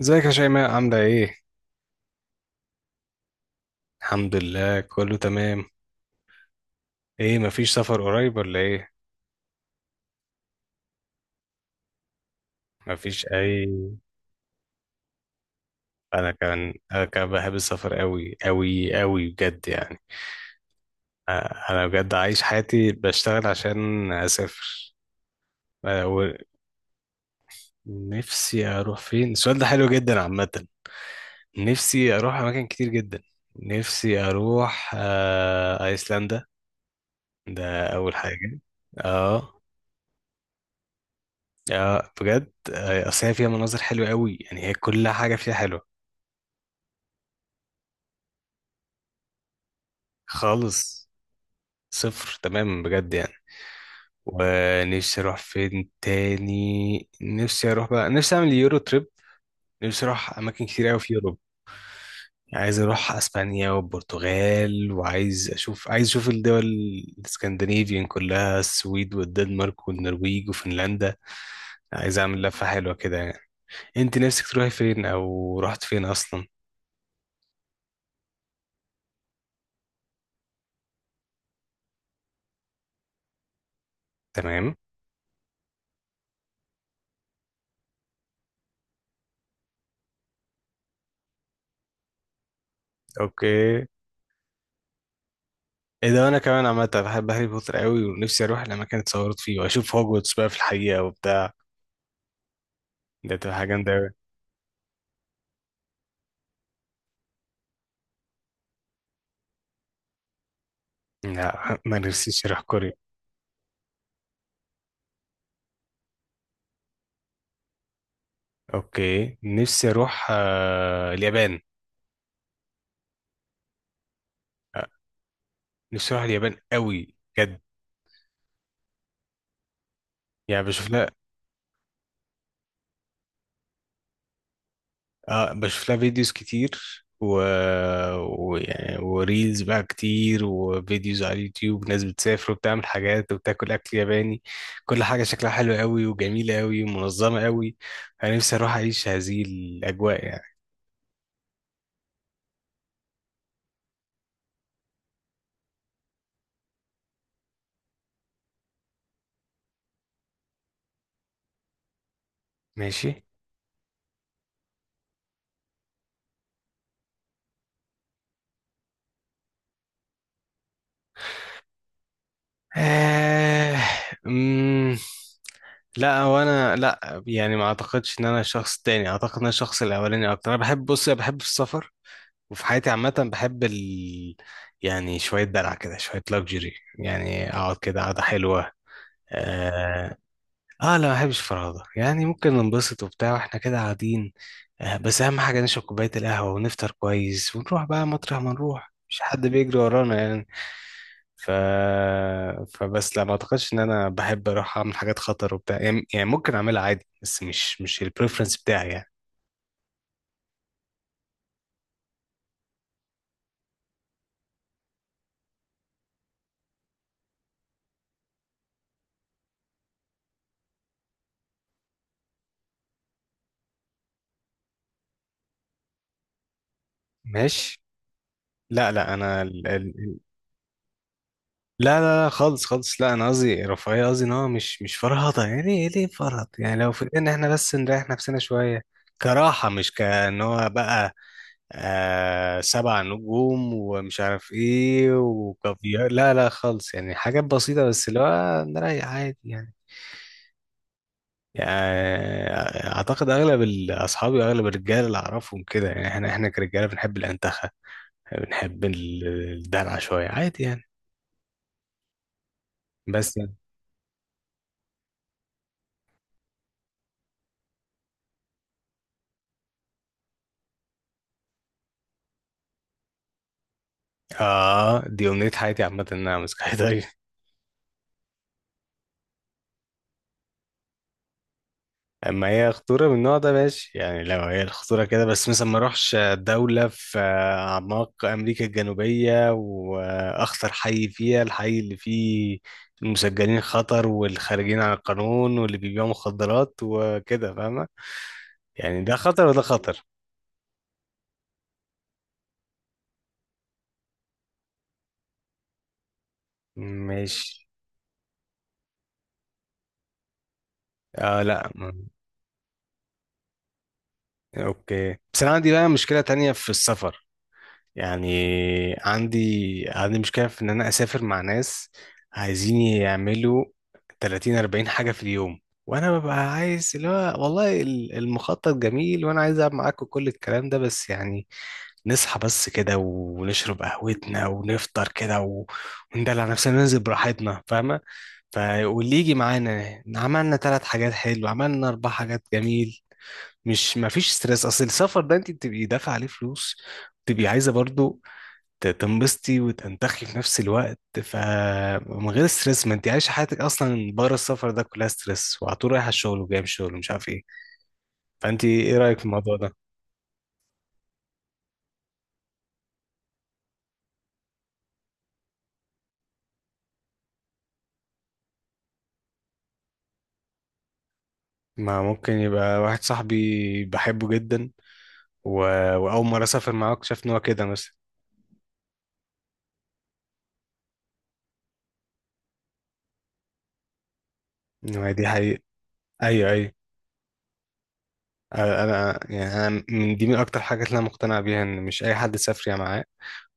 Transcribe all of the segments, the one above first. ازيك يا شيماء، عاملة ايه؟ الحمد لله، كله تمام. ايه، مفيش سفر قريب ولا ايه؟ مفيش اي. انا كان بحب السفر قوي قوي قوي بجد يعني. اه، انا بجد عايش حياتي بشتغل عشان اسافر. اه، ونفسي اروح فين؟ السؤال ده حلو جدا عامة. نفسي اروح اماكن كتير جدا. نفسي اروح ايسلندا، ده اول حاجة. اه، اه، بجد. اصل هي فيها مناظر حلوه قوي، يعني هي كل حاجه فيها حلوه. خالص. صفر تمام بجد يعني. ونفسي اروح فين تاني؟ نفسي اروح بقى، نفسي اعمل يورو تريب. نفسي اروح اماكن كتير قوي في اوروبا. عايز اروح اسبانيا والبرتغال، وعايز اشوف عايز اشوف الدول الاسكندنافيين كلها، السويد والدنمارك والنرويج وفنلندا. عايز اعمل لفه حلوه كده يعني. انت نفسك تروحي فين او رحت فين اصلا؟ تمام. اوكي. ايه ده، انا كمان عامه بحب هاري بوتر قوي، ونفسي اروح الاماكن اتصورت فيه واشوف هوجورتس بقى في الحقيقه وبتاع. ده تبقى حاجه جامده قوي. لا، ما نفسيش اروح كوريا. اوكي. نفسي اروح اليابان. آه، نفسي اروح اليابان قوي بجد. يعني بشوف لها، فيديوز كتير ويعني وريلز بقى كتير وفيديوز على اليوتيوب، ناس بتسافر وبتعمل حاجات وبتاكل اكل ياباني. كل حاجة شكلها حلو قوي وجميلة قوي ومنظمة قوي. انا نفسي اروح اعيش هذه الاجواء يعني. ماشي. آه... مم... لا، هو انا، لا يعني ما اعتقدش ان انا شخص تاني، اعتقد ان انا الشخص الاولاني اكتر. انا بحب بص، أنا بحب السفر، وفي حياتي عامة بحب يعني شوية دلع كده، شوية لاكجري، يعني أقعد كده قعدة حلوة. آه... آه، لا، ما بحبش الفرهدة يعني. ممكن ننبسط وبتاع وإحنا كده قاعدين. بس أهم حاجة نشرب كوباية القهوة ونفطر كويس، ونروح بقى مطرح ما نروح، مش حد بيجري ورانا يعني. ف... فبس لا، ما أعتقدش إن أنا بحب أروح أعمل حاجات خطر وبتاع يعني. يعني ممكن أعملها عادي، بس مش البريفرنس بتاعي يعني. ماشي. لا لا انا. لا لا لا، خالص خالص. لا، انا قصدي رفاهيه، قصدي ان هو مش فرهضه يعني، ايه ليه فرهض يعني؟ لو في ان احنا بس نريح نفسنا شويه كراحه، مش كان هو بقى سبع نجوم ومش عارف ايه وكافيار، لا لا خالص، يعني حاجات بسيطه بس اللي هو نريح عادي يعني. يعني اعتقد اغلب اصحابي، اغلب الرجاله اللي اعرفهم كده، يعني احنا كرجاله بنحب الانتخه، بنحب ال- الدلع شويه عادي يعني. بس اه دي امنية حياتي عامة، ان انا امسك حيطان. اما هي خطورة من النوع ده، ماشي يعني. لو هي الخطورة كده بس، مثلا ما اروحش دولة في اعماق امريكا الجنوبية واخطر حي فيها، الحي اللي فيه المسجلين خطر والخارجين عن القانون واللي بيبيعوا مخدرات وكده، فاهمة؟ يعني ده خطر وده خطر. ماشي. اه، لا، اوكي. بس انا عندي بقى مشكلة تانية في السفر. يعني عندي عندي مشكلة في إن أنا أسافر مع ناس عايزين يعملوا 30 40 حاجة في اليوم، وأنا ببقى عايز، اللي هو، والله المخطط جميل وأنا عايز ألعب معاكم كل الكلام ده، بس يعني نصحى بس كده، ونشرب قهوتنا ونفطر كده و- وندلع نفسنا، ننزل براحتنا، فاهمة؟ فاللي يجي معانا عملنا ثلاث حاجات حلوة، عملنا أربع حاجات، جميل، مش مفيش ستريس. أصل السفر ده أنت بتبقي دافعة عليه فلوس، تبقي عايزه برضو تنبسطي وتنتخي في نفس الوقت، فمن غير ستريس. ما انت عايشه حياتك اصلا بره السفر ده كلها ستريس، وعلى طول رايحه الشغل وجايه من الشغل ومش عارف ايه. فانت ايه رايك في الموضوع ده؟ ما ممكن يبقى واحد صاحبي بحبه جدا و... واول مره اسافر معاه اكتشفت ان هو كده مثلا. ما هي دي حقيقه. ايوه، ايوه. انا، يعني انا من دي، من اكتر حاجات اللي انا مقتنع بيها، ان مش اي حد سافر يا معاه،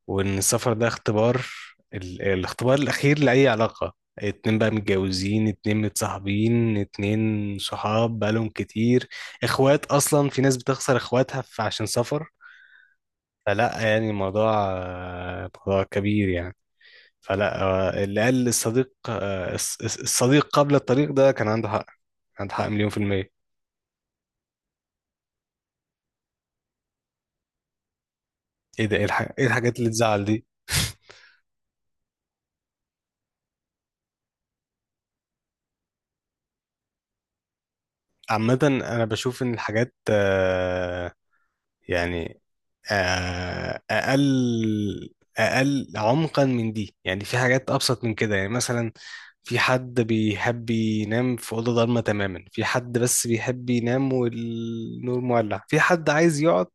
وان السفر ده اختبار، ال- الاختبار الاخير لاي علاقه. اتنين بقى متجوزين، اتنين متصاحبين، اتنين صحاب بقالهم كتير، اخوات اصلا، في ناس بتخسر اخواتها عشان سفر. فلا يعني الموضوع، موضوع كبير يعني. فلا، اللي قال الصديق، الصديق قبل الطريق، ده كان عنده حق. عنده حق مليون في المية. ايه ده، ايه إيه الحاجات اللي تزعل دي؟ عامة، أنا بشوف إن الحاجات، يعني، آه، اقل اقل عمقا من دي يعني. في حاجات ابسط من كده يعني. مثلا في حد بيحب ينام في اوضه ضلمه تماما، في حد بس بيحب ينام والنور مولع، في حد عايز يقعد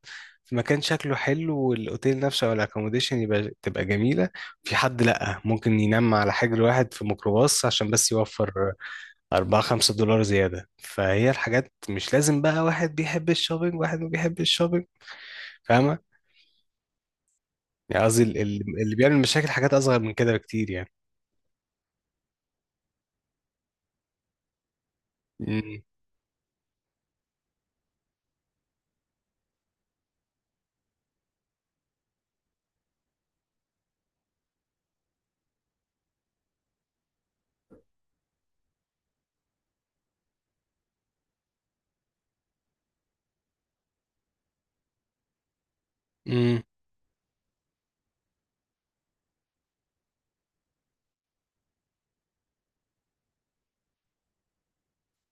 في مكان شكله حلو والاوتيل نفسه او الاكوموديشن تبقى جميله، في حد لا، ممكن ينام على حجر واحد في ميكروباص عشان بس يوفر 4 $5 زياده. فهي الحاجات، مش لازم بقى واحد بيحب الشوبينج واحد ما بيحبش الشوبينج، فاهمه؟ يعني قصدي اللي بيعمل مشاكل حاجات أصغر من كده بكتير يعني. امم امم،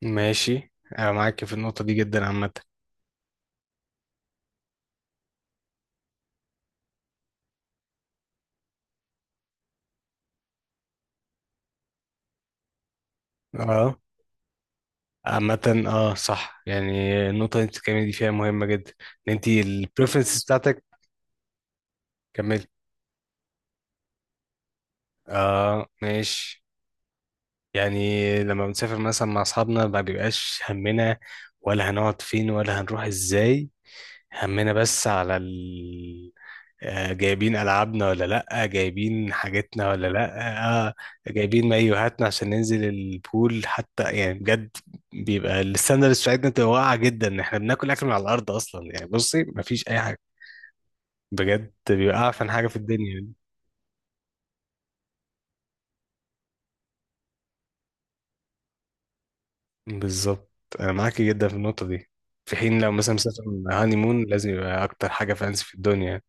ماشي. أنا معاك في النقطة دي جدا عامة. اه، صح يعني. النقطة اللي انت بتتكلمي دي فيها مهمة جدا، ان انت البريفرنسز بتاعتك. كملي. اه، ماشي. يعني لما بنسافر مثلا مع اصحابنا، ما بيبقاش همنا ولا هنقعد فين ولا هنروح ازاي. همنا بس على جايبين ألعابنا ولا لأ، جايبين حاجتنا ولا لأ، جايبين مايوهاتنا عشان ننزل البول حتى، يعني بجد بيبقى الستاندرز بتاعتنا بتبقى واقعة جدا، إن احنا بناكل أكل من على الأرض أصلا يعني. بصي، مفيش أي حاجة بجد، بيبقى أعفن حاجة في الدنيا يعني. بالظبط. أنا معاكي جدا في النقطة دي. في حين لو مثلا مسافر هاني مون، لازم يبقى أكتر حاجة فانسي في الدنيا.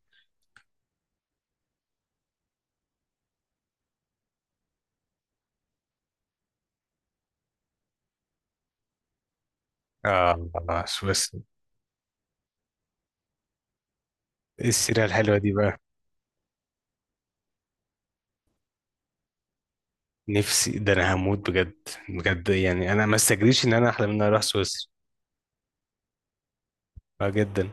آه سويسرا! إيه السيرة الحلوة دي؟ نفسي، ده انا هموت بجد بجد يعني. انا ما استجريش ان انا احلم ان انا اروح سويسرا. آه، جدا.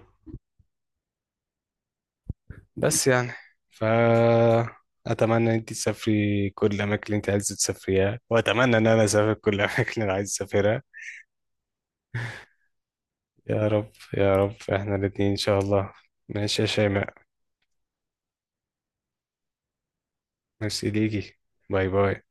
بس يعني، ف اتمنى ان انت تسافري كل الاماكن اللي انت عايزه تسافريها، واتمنى ان انا اسافر كل الاماكن اللي انا عايز اسافرها. يا رب، يا رب، احنا الاتنين ان شاء الله. ماشي يا شيماء. ميرسي ليكي. باي باي.